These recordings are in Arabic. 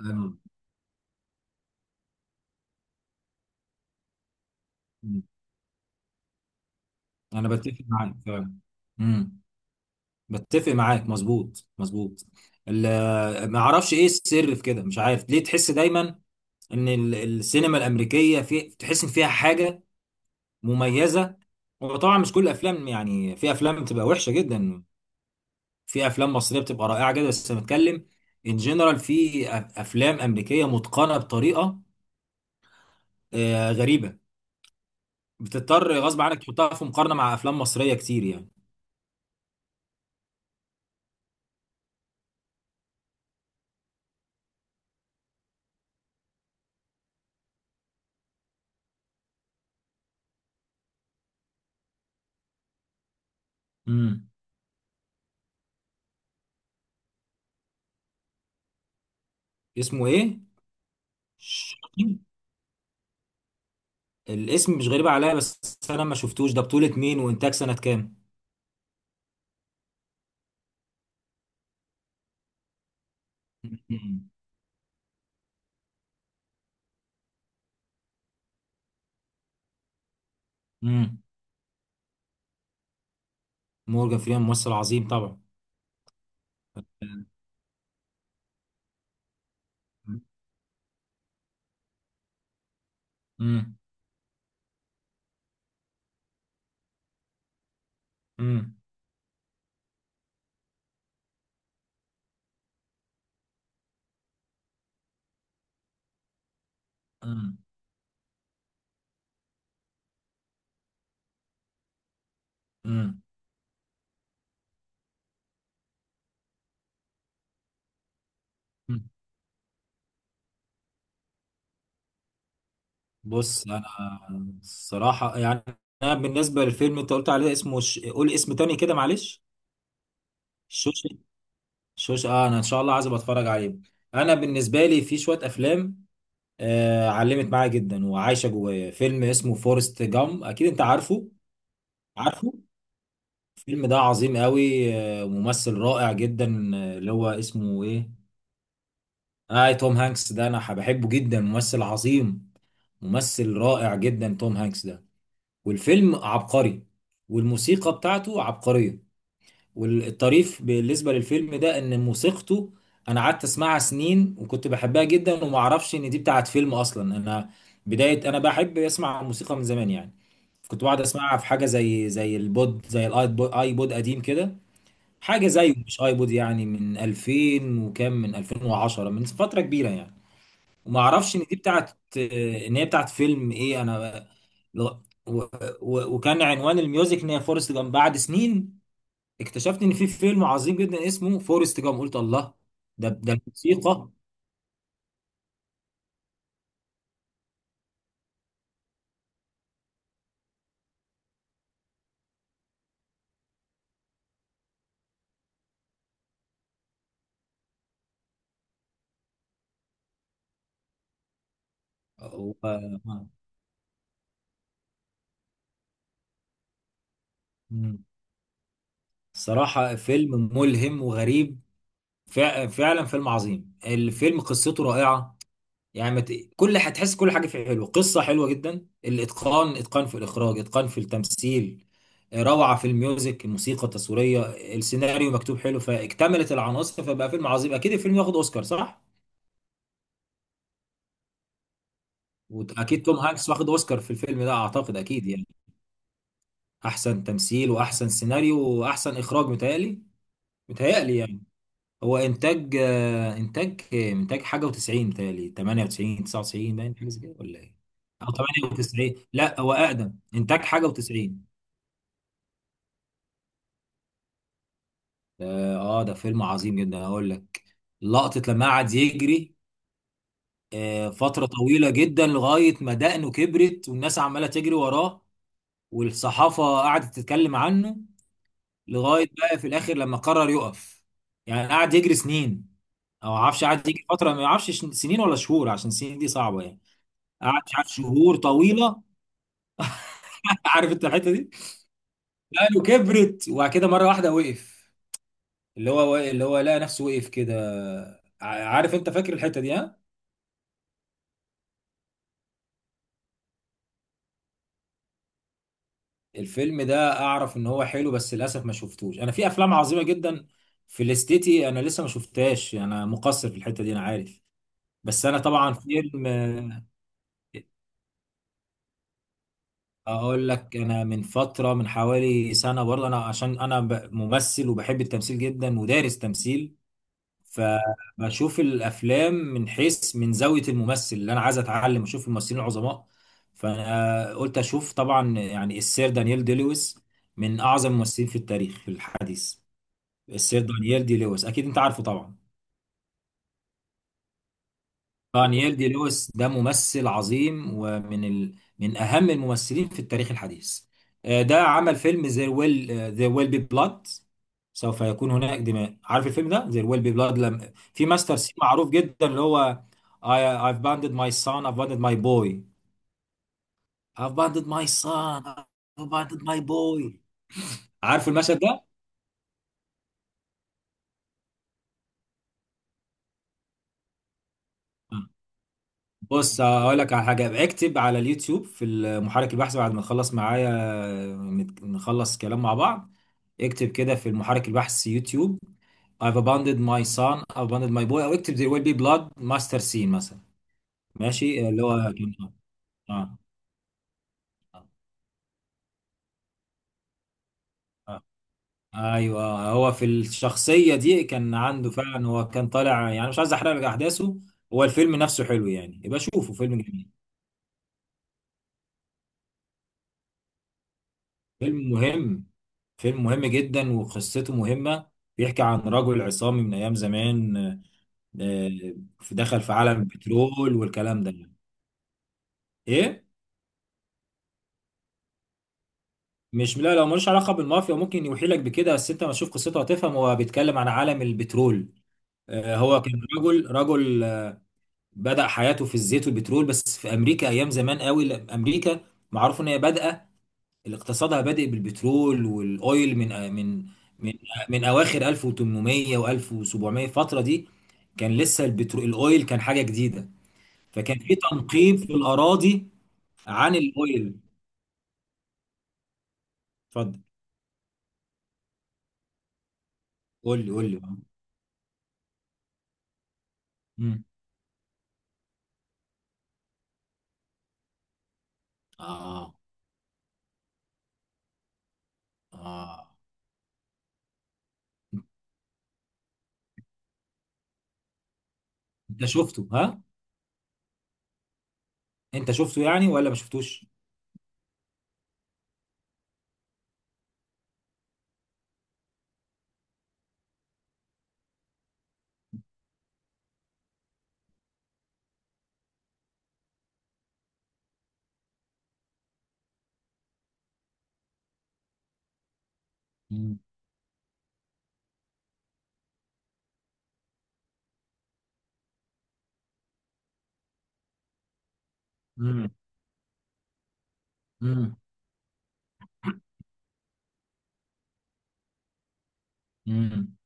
أنا. مم. أنا بتفق معاك فعلا. مم. بتفق معاك، مظبوط مظبوط. ما أعرفش إيه السر في كده، مش عارف ليه تحس دايما إن السينما الأمريكية، في تحس إن فيها حاجة مميزة. وطبعا مش كل الأفلام، يعني في أفلام بتبقى وحشة جدا، في أفلام مصرية بتبقى رائعة جدا، بس أنا بتكلم إن جنرال في أفلام أمريكية متقنة بطريقة غريبة. بتضطر غصب عنك تحطها في مقارنة مع أفلام مصرية كتير يعني. مم. اسمه إيه؟ الاسم مش غريب عليا، بس انا ما شفتوش، ده بطولة مين وانتاج سنة كام؟ امم. مورجان فريمان ممثل عظيم طبعا. امم، امم، امم، امم. بص انا، الصراحة يعني، انا بالنسبة للفيلم انت قلت عليه اسمه قول اسم تاني كده معلش. شوش، شوش، اه، انا ان شاء الله عايز أبقى اتفرج عليه. انا بالنسبة لي في شوية افلام علمت معايا جدا وعايشة جوايا، فيلم اسمه فورست جام، اكيد انت عارفه، عارفه. الفيلم ده عظيم قوي، ممثل رائع جدا، اللي هو اسمه ايه؟ اه، توم هانكس ده انا بحبه جدا، ممثل عظيم، ممثل رائع جدا توم هانكس ده. والفيلم عبقري، والموسيقى بتاعته عبقرية. والطريف بالنسبة للفيلم ده ان موسيقته انا قعدت اسمعها سنين وكنت بحبها جدا، وما اعرفش ان دي بتاعت فيلم اصلا. انا بداية انا بحب اسمع الموسيقى من زمان يعني، كنت بقعد اسمعها في حاجة زي البود، زي الايبود، ايبود قديم كده، حاجه زيه مش ايبود، يعني من 2000 وكام، من 2010، من فتره كبيره يعني. وما اعرفش ان دي بتاعت، ان هي بتاعت فيلم ايه. انا لغ- و... وكان عنوان الميوزك ان هي فورست جام. بعد سنين اكتشفت ان في فيلم عظيم جدا اسمه فورست جام، قلت الله. ده الموسيقى. و... مم. الصراحه فيلم ملهم وغريب، فعلا فيلم عظيم. الفيلم قصته رائعه، يعني كل، هتحس كل حاجه فيه حلوه، قصه حلوه جدا، الاتقان، اتقان في الاخراج، اتقان في التمثيل، روعه في الميوزك، الموسيقى التصويريه، السيناريو مكتوب حلو، فاكتملت العناصر، فبقى فيلم عظيم. اكيد الفيلم واخد اوسكار، صح؟ واكيد توم هانكس واخد اوسكار في الفيلم ده، اعتقد اكيد يعني، احسن تمثيل واحسن سيناريو واحسن اخراج متهيألي. متهيألي يعني، هو انتاج، انتاج، انتاج حاجه و90، متهيألي 98 99، باين حاجه زي كده ولا ايه؟ او 98، لا هو اقدم، انتاج حاجه و90. اه. ده فيلم عظيم جدا هقول لك. لقطه لما قعد يجري فتره طويله جدا، لغايه ما دقنه كبرت والناس عماله تجري وراه، والصحافه قعدت تتكلم عنه، لغايه بقى في الاخر لما قرر يقف. يعني قعد يجري سنين، او ما اعرفش، قعد يجري فتره، ما اعرفش سنين ولا شهور، عشان السنين دي صعبه يعني. قعد، مش عارف، شهور طويله. عارف انت الحته دي؟ قالوا كبرت، وبعد كده مره واحده وقف، اللي هو لقى نفسه وقف كده. عارف انت، فاكر الحته دي؟ ها. الفيلم ده اعرف ان هو حلو، بس للاسف ما شفتوش. انا في افلام عظيمه جدا في الاستيتي انا لسه ما شفتهاش، انا مقصر في الحته دي، انا عارف. بس انا طبعا فيلم، اقول لك، انا من فتره، من حوالي سنه برضه، انا عشان انا ممثل وبحب التمثيل جدا ودارس تمثيل، فبشوف الافلام من حيث، من زاويه الممثل اللي انا عايز اتعلم، اشوف الممثلين العظماء. فانا قلت اشوف طبعا يعني السير دانيال دي لويس، من اعظم الممثلين في التاريخ في الحديث. السير دانيال دي لويس اكيد انت عارفه طبعا. نيل دي لويس ده ممثل عظيم، ومن من اهم الممثلين في التاريخ الحديث. ده عمل فيلم There Will، There Will Be Blood، سوف يكون هناك دماء، عارف الفيلم ده، There Will Be Blood؟ لم... في ماستر سين معروف جدا، اللي هو I I've abandoned my son, I've abandoned my boy. I've abandoned my son, I've abandoned my boy. عارف المشهد ده؟ بص هقول لك على حاجه، اكتب على اليوتيوب، في المحرك البحث، بعد ما تخلص معايا نخلص كلام مع بعض. اكتب كده في المحرك البحث يوتيوب I've abandoned my son, I've abandoned my boy، او اكتب there will be blood master scene مثلا. ماشي اللي هو كان. اه. آه. ايوه، هو في الشخصيه دي كان عنده فعلا. هو كان طالع يعني، مش عايز احرق لك احداثه، هو الفيلم نفسه حلو، يعني يبقى شوفه، فيلم جميل. فيلم مهم، فيلم مهم جدا وقصته مهمة. بيحكي عن رجل عصامي من أيام زمان. آه، دخل في عالم البترول والكلام ده. إيه؟ مش، لا، لو ملوش علاقة بالمافيا، ممكن يوحيلك بكده بس أنت ما تشوف قصته هتفهم، هو بيتكلم عن عالم البترول. هو كان رجل، رجل، بدأ حياته في الزيت والبترول، بس في أمريكا أيام زمان قوي، لأ، أمريكا معروف إن هي بادئة، اللي اقتصادها بادئ بالبترول والاويل من من اواخر 1800 و1700، الفتره دي كان لسه البترول الاويل كان حاجه جديده، فكان في تنقيب في الاراضي عن الاويل. اتفضل. قول لي، قول لي. مم. اه. اه. انت شفته، ها؟ انت شفته يعني ولا ما شفتوش؟ امم. امم.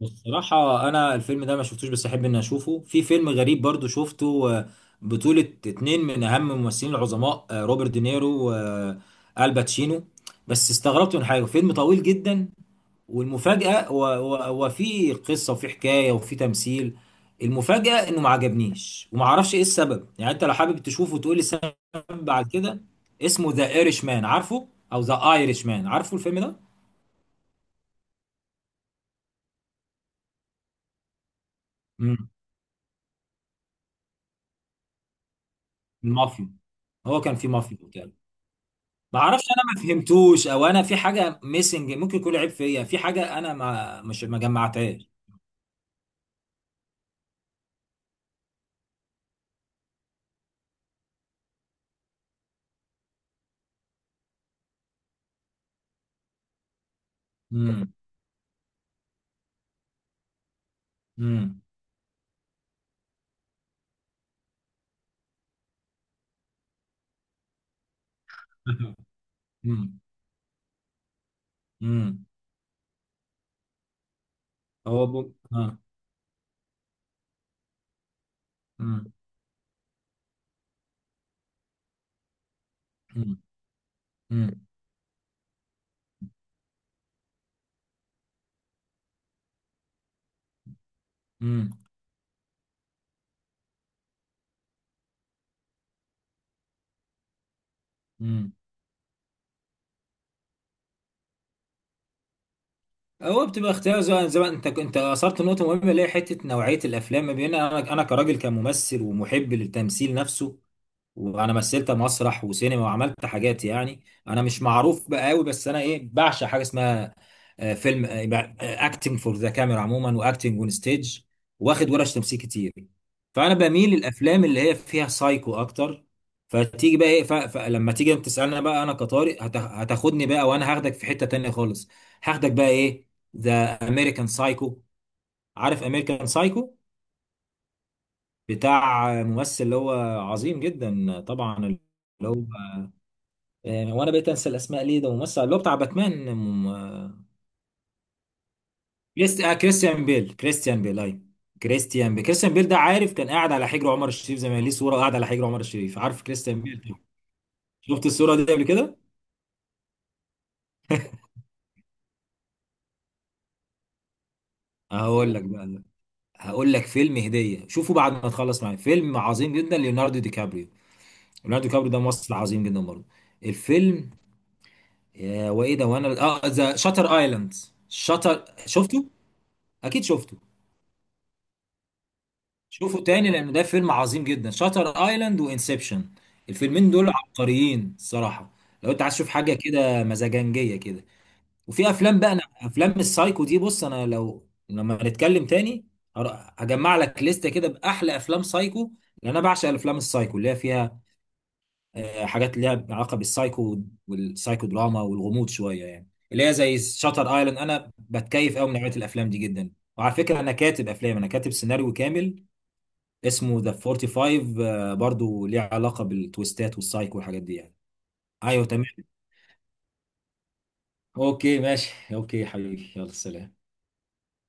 بصراحة أنا الفيلم ده ما شفتوش، بس أحب إني أشوفه. في فيلم غريب برضو شفته، بطولة اتنين من أهم الممثلين العظماء، روبرت دينيرو والباتشينو. بس استغربت من حاجة، فيلم طويل جدا والمفاجأة، وفي قصة وفي حكاية وفي تمثيل. المفاجأة إنه ما عجبنيش، وما أعرفش إيه السبب، يعني أنت لو حابب تشوفه وتقول لي السبب على كده. اسمه ذا ايرش مان، عارفه؟ أو ذا ايرش مان، عارفه الفيلم ده؟ مم. المافيا. هو كان في مافيا وبتاع. ما اعرفش، انا ما فهمتوش، او انا في حاجه ميسنج، ممكن يكون عيب فيا في حاجه، انا ما مش ما جمعتهاش. امم، امم، امم، امم. اه. امم، امم، امم، امم. أمم. هو بتبقى اختيار، زي ما انت اثرت نقطه مهمه، اللي هي حته نوعيه الافلام، ما بين انا كراجل كممثل ومحب للتمثيل نفسه. وانا مثلت مسرح وسينما وعملت حاجات يعني، انا مش معروف بقى قوي، بس انا ايه، بعشق حاجه اسمها فيلم، اكتنج فور ذا كاميرا عموما، واكتنج اون ستيج، واخد ورش تمثيل كتير. فانا بميل للافلام اللي هي فيها سايكو اكتر. فتيجي بقى ايه، فلما تيجي انت تسالنا بقى انا كطارق، هتاخدني بقى وانا هاخدك في حته تانية خالص. هاخدك بقى ايه؟ ذا امريكان سايكو. عارف امريكان سايكو؟ بتاع ممثل اللي هو عظيم جدا طبعا، اللي هو وانا بقيت انسى الاسماء ليه، ده ممثل اللي هو بتاع باتمان. م- كريستيان بيل، كريستيان بيل، ايوه كريستيان بيل، كريستيان بيل ده، عارف كان قاعد على حجر عمر الشريف زمان، ليه صوره قاعد على حجر عمر الشريف. عارف كريستيان بيل ده؟ شفت الصوره دي قبل كده؟ هقول لك بقى، هقول لك فيلم هديه، شوفوا بعد ما تخلص معايا، فيلم عظيم جدا ليوناردو دي كابريو. ليوناردو دي كابريو ده ممثل عظيم جدا برضه. الفيلم، وايه ده وانا، اه، ذا شاتر ايلاند. شاتر، شفته؟ اكيد شفته. شوفوا تاني، لان ده فيلم عظيم جدا، شاتر ايلاند وانسبشن. الفيلمين دول عبقريين الصراحه، لو انت عايز تشوف حاجه كده مزاجنجيه كده. وفي افلام بقى، انا افلام السايكو دي، بص انا لو، لما نتكلم تاني هجمع لك لستة كده باحلى افلام سايكو. لان انا بعشق الافلام السايكو اللي هي فيها حاجات ليها علاقه بالسايكو والسايكو دراما والغموض شويه، يعني اللي هي زي شاتر ايلاند. انا بتكيف قوي من نوعيه الافلام دي جدا. وعلى فكره انا كاتب افلام، انا كاتب سيناريو كامل اسمه ذا 45، برضو ليه علاقة بالتويستات والسايك والحاجات دي يعني. ايوه تمام. اوكي ماشي، اوكي حبيبي، يلا سلام.